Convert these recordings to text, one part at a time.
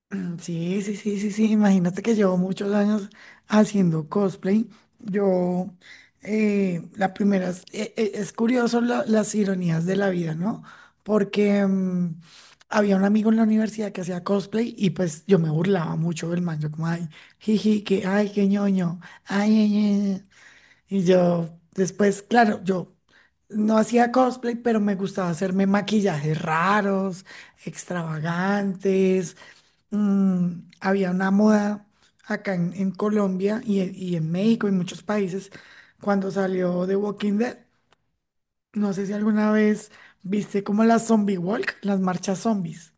Sí, sí, sí, sí, sí. Imagínate que llevo muchos años haciendo cosplay. Yo, la primera, es, es curioso las ironías de la vida, ¿no? Porque había un amigo en la universidad que hacía cosplay y pues yo me burlaba mucho del man. Yo como, ay, jiji, que, ay, qué ñoño, ay, ay, ay". Ay". Y yo, después, claro, yo no hacía cosplay, pero me gustaba hacerme maquillajes raros, extravagantes. Había una moda acá en Colombia y en México y en muchos países cuando salió The Walking Dead. No sé si alguna vez viste como la zombie walk, las marchas zombies,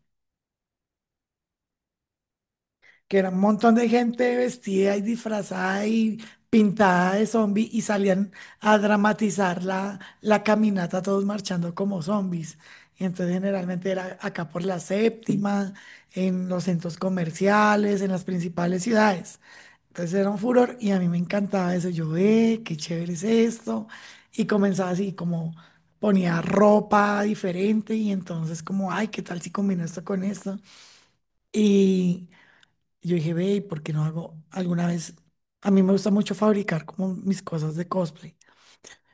que era un montón de gente vestida y disfrazada y pintada de zombie y salían a dramatizar la caminata todos marchando como zombies. Y entonces generalmente era acá por la séptima, en los centros comerciales, en las principales ciudades. Entonces era un furor y a mí me encantaba eso. Yo, ve, qué chévere es esto. Y comenzaba así, como ponía ropa diferente y entonces como, ay, ¿qué tal si combino esto con esto? Y yo dije, ve, ¿por qué no hago alguna vez? A mí me gusta mucho fabricar como mis cosas de cosplay.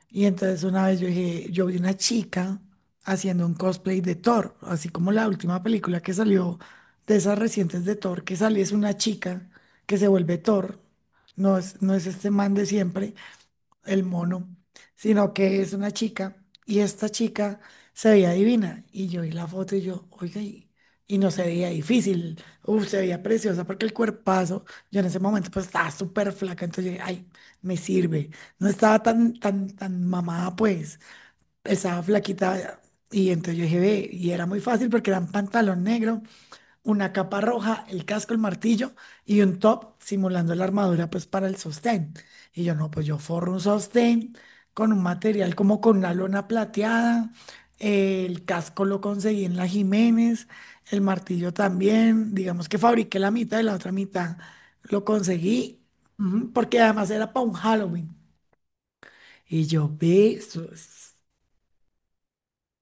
Y entonces una vez yo dije, yo vi una chica haciendo un cosplay de Thor, así como la última película que salió de esas recientes de Thor, que sale es una chica que se vuelve Thor, no es este man de siempre, el mono, sino que es una chica y esta chica se veía divina y yo vi la foto y yo, oiga, y no se veía difícil, uf, se veía preciosa porque el cuerpazo, yo en ese momento pues estaba súper flaca, entonces yo dije, ay, me sirve, no estaba tan, tan, tan mamada pues, estaba flaquita y entonces yo dije, ve, y era muy fácil porque era un pantalón negro, una capa roja, el casco, el martillo y un top simulando la armadura pues para el sostén. Y yo no, pues yo forro un sostén con un material como con una lona plateada. El casco lo conseguí en la Jiménez, el martillo también, digamos que fabriqué la mitad y la otra mitad lo conseguí, ujú, porque además era para un Halloween. Y yo vi,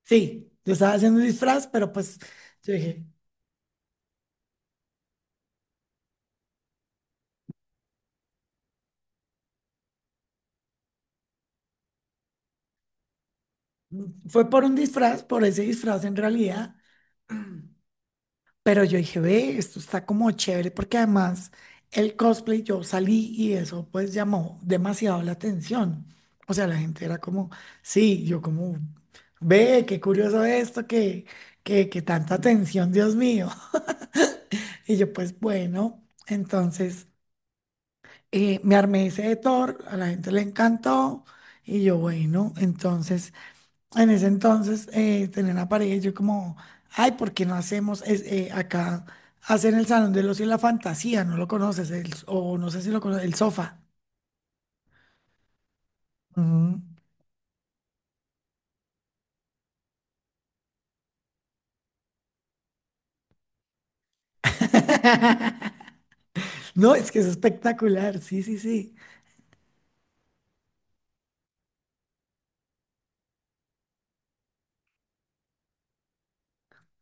sí, yo estaba haciendo un disfraz, pero pues yo dije, fue por un disfraz, por ese disfraz en realidad. Pero yo dije, ve, esto está como chévere, porque además el cosplay, yo salí y eso pues llamó demasiado la atención. O sea, la gente era como, sí, yo como, ve, qué curioso esto, que tanta atención, Dios mío. Y yo pues bueno, entonces me armé ese de Thor, a la gente le encantó. Y yo, bueno, entonces en ese entonces tenía una pareja y yo como, ay, ¿por qué no hacemos acá, hacen el Salón del Ocio y la Fantasía, no lo conoces, o no sé si lo conoces, el sofá. Ujú. No, es que es espectacular, sí, sí, sí.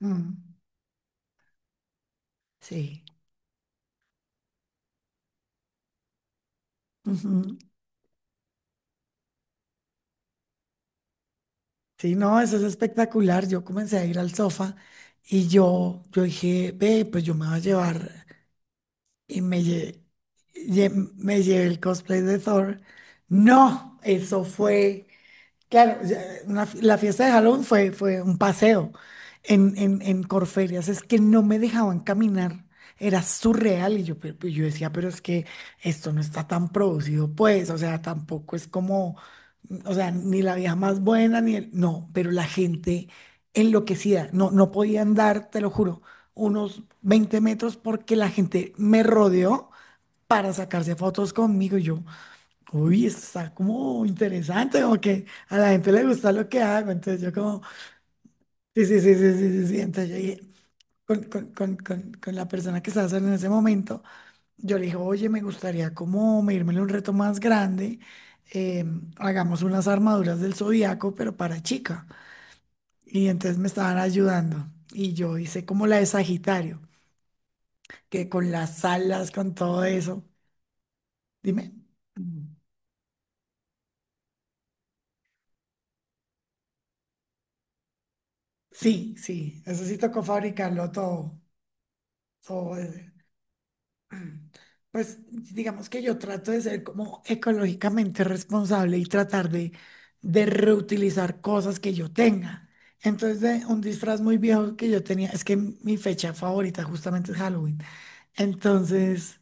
Mm, sí. Ujú. Sí, no, eso es espectacular. Yo comencé a ir al sofá y yo dije, ve, pues yo me voy a llevar y me llevé el cosplay de Thor. No, eso fue... Claro, ya, la fiesta de Halloween fue, fue un paseo en, en Corferias, es que no me dejaban caminar, era surreal y yo, yo decía, pero es que esto no está tan producido, pues, o sea, tampoco es como, o sea, ni la vieja más buena, ni el, no, pero la gente enloquecida, no, no podía andar, te lo juro, unos 20 metros porque la gente me rodeó para sacarse fotos conmigo y yo. Uy, esto está como interesante, como que a la gente le gusta lo que hago. Entonces yo como, sí, sí, sí, sí, sí, sí, sí. Entonces yo dije, con la persona que estaba saliendo en ese momento, yo le dije, oye, me gustaría como medírmele un reto más grande. eh, hagamos unas armaduras del zodiaco, pero para chica. Y entonces me estaban ayudando. Y yo hice como la de Sagitario, que con las alas, con todo eso. Dime. Mm. Sí, sí, eso sí tocó fabricarlo todo. Todo. Pues digamos que yo trato de ser como ecológicamente responsable y tratar de reutilizar cosas que yo tenga. Entonces, de un disfraz muy viejo que yo tenía, es que mi fecha favorita justamente es Halloween. Entonces,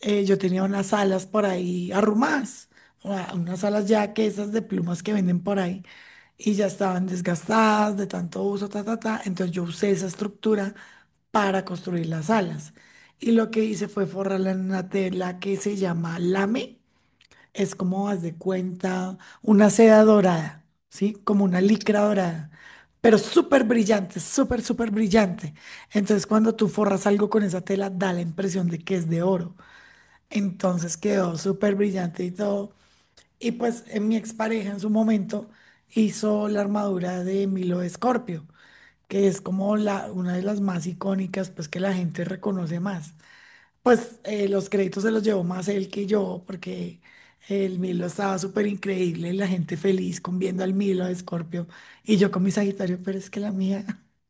yo tenía unas alas por ahí arrumadas, unas alas ya que esas de plumas que venden por ahí, y ya estaban desgastadas de tanto uso, ta, ta, ta. Entonces, yo usé esa estructura para construir las alas. Y lo que hice fue forrarla en una tela que se llama lame. Es como, haz de cuenta, una seda dorada, ¿sí? Como una licra dorada, pero súper brillante, súper, súper brillante. Entonces, cuando tú forras algo con esa tela, da la impresión de que es de oro. Entonces, quedó súper brillante y todo. Y pues, mi expareja en su momento hizo la armadura de Milo de Escorpio, que es como la, una de las más icónicas, pues que la gente reconoce más. Pues los créditos se los llevó más él que yo, porque el Milo estaba súper increíble, la gente feliz con viendo al Milo de Escorpio y yo con mi Sagitario, pero es que la mía.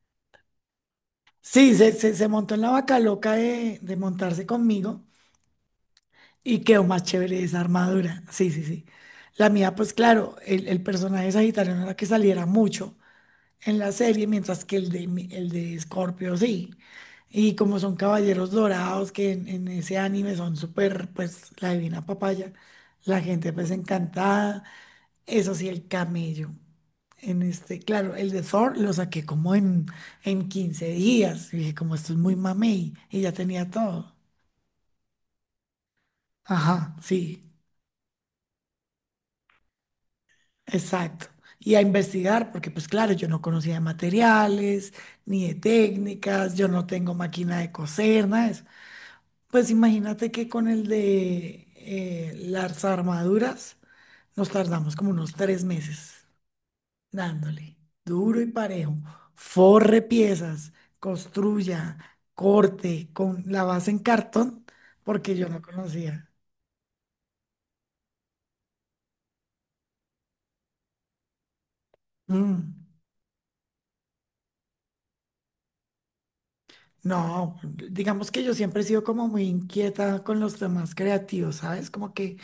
Sí, se montó en la vaca loca de montarse conmigo y quedó más chévere esa armadura. Sí, sí, sí. La mía, pues claro, el personaje de Sagitario no era que saliera mucho en la serie, mientras que el de, el de Scorpio sí. Y como son caballeros dorados, que en, ese anime son súper, pues, la divina papaya, la gente pues encantada. Eso sí, el camello. En este, claro, el de Thor lo saqué como en, 15 días. Y dije, como esto es muy mamey, y ya tenía todo. Ajá, sí, exacto. Y a investigar, porque pues claro, yo no conocía de materiales, ni de técnicas, yo no tengo máquina de coser, nada. Pues imagínate que con el de las armaduras nos tardamos como unos 3 meses dándole duro y parejo. Forre piezas, construya, corte con la base en cartón, porque yo no conocía. Mm, no, digamos que yo siempre he sido como muy inquieta con los temas creativos, ¿sabes? Como que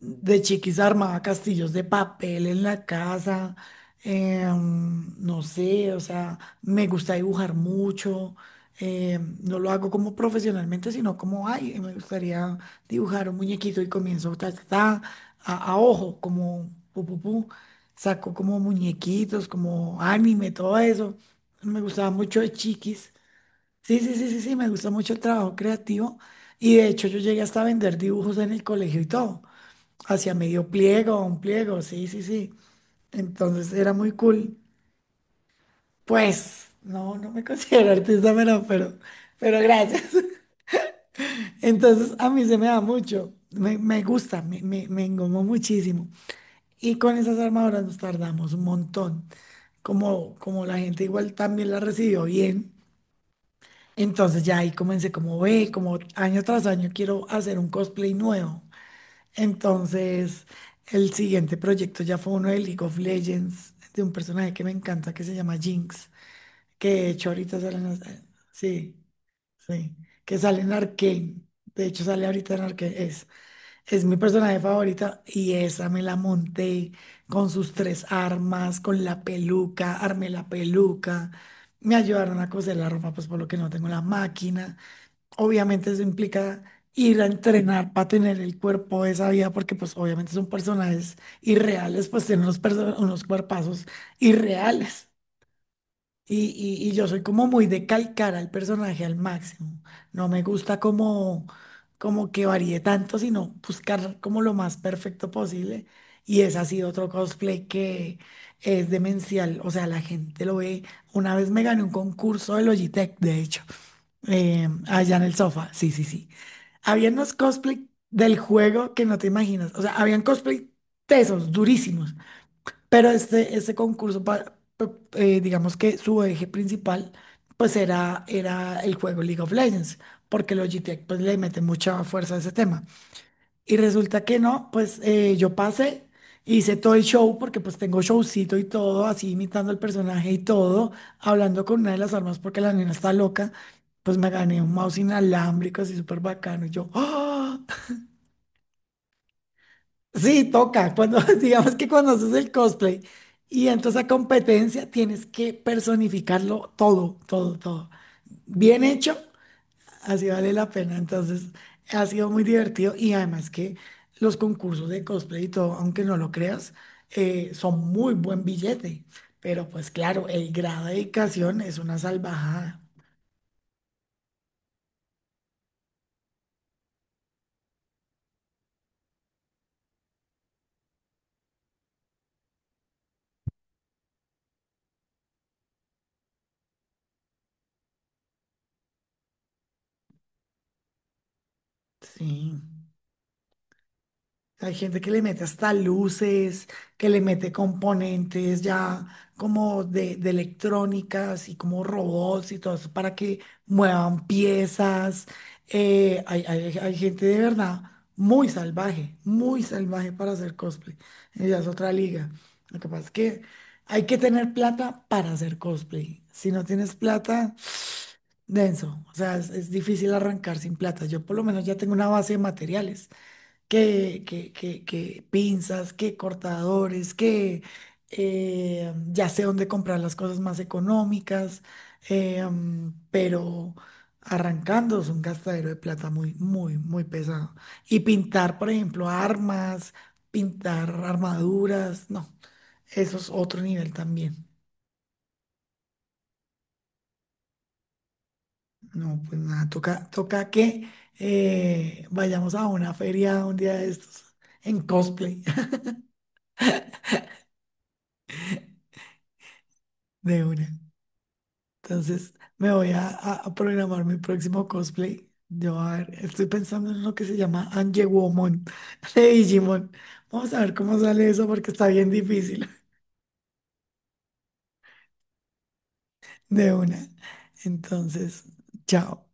de chiquis armaba castillos de papel en la casa, no sé, o sea, me gusta dibujar mucho, no lo hago como profesionalmente, sino como, ay, me gustaría dibujar un muñequito y comienzo ta, ta, ta, a ojo, como pu, pu, pu, saco como muñequitos, como anime, todo eso. Me gustaba mucho de chiquis. Sí, sí, sí, sí, sí, me gusta mucho el trabajo creativo y de hecho yo llegué hasta a vender dibujos en el colegio y todo, hacia medio pliego, un pliego, sí, sí, sí. Entonces era muy cool. Pues, no, no me considero artista, pero gracias. Entonces a mí se me da mucho, me gusta, me engomó muchísimo. Y con esas armaduras nos tardamos un montón. Como, como la gente igual también la recibió bien. Entonces ya ahí comencé como ve, como año tras año quiero hacer un cosplay nuevo. Entonces, el siguiente proyecto ya fue uno de League of Legends, de un personaje que me encanta que se llama Jinx, que de hecho ahorita sale en... Sí, sí, que sale en Arcane. De hecho, sale ahorita en Arcane. Es mi personaje favorita y esa me la monté con sus tres armas, con la peluca, armé la peluca. Me ayudaron a coser la ropa, pues por lo que no tengo la máquina. Obviamente eso implica ir a entrenar para tener el cuerpo de esa vida, porque pues obviamente son personajes irreales, pues tienen unos cuerpazos irreales. Y, y yo soy como muy de calcar al personaje al máximo. No me gusta como, como que varíe tanto, sino buscar como lo más perfecto posible. Y es así otro cosplay que es demencial. O sea, la gente lo ve. Una vez me gané un concurso de Logitech, de hecho, allá en el sofá. Sí, sí, sí. Habían unos cosplay del juego que no te imaginas. O sea, habían cosplay tesos, durísimos. Pero este concurso, digamos que su eje principal, pues era, era el juego League of Legends, porque los GTEC pues, le mete mucha fuerza a ese tema. Y resulta que no, pues yo pasé, hice todo el show, porque pues tengo showcito y todo, así imitando el personaje y todo, hablando con una de las armas porque la nena está loca. Pues me gané un mouse inalámbrico así súper bacano. Y yo, ¡ah! Sí, toca. Cuando, digamos que cuando haces el cosplay y entras a competencia, tienes que personificarlo todo, todo, todo. Bien hecho, así vale la pena. Entonces, ha sido muy divertido y además que los concursos de cosplay y todo, aunque no lo creas, son muy buen billete. Pero pues claro, el grado de dedicación es una salvajada. Sí. Hay gente que le mete hasta luces, que le mete componentes ya como de electrónica, y como robots y todo eso para que muevan piezas. Hay gente de verdad muy salvaje para hacer cosplay. Ya es otra liga. Lo que pasa es que hay que tener plata para hacer cosplay. Si no tienes plata, denso. O sea, es difícil arrancar sin plata. Yo por lo menos ya tengo una base de materiales que pinzas, que cortadores, que ya sé dónde comprar las cosas más económicas, pero arrancando es un gastadero de plata muy, muy, muy pesado. Y pintar, por ejemplo, armas, pintar armaduras, no, eso es otro nivel también. No, pues nada, toca, toca que vayamos a una feria un día de estos en cosplay de una. Entonces me voy a programar mi próximo cosplay. Yo a ver, estoy pensando en lo que se llama Angewomon de Digimon. Vamos a ver cómo sale eso porque está bien difícil de una. Entonces, chao.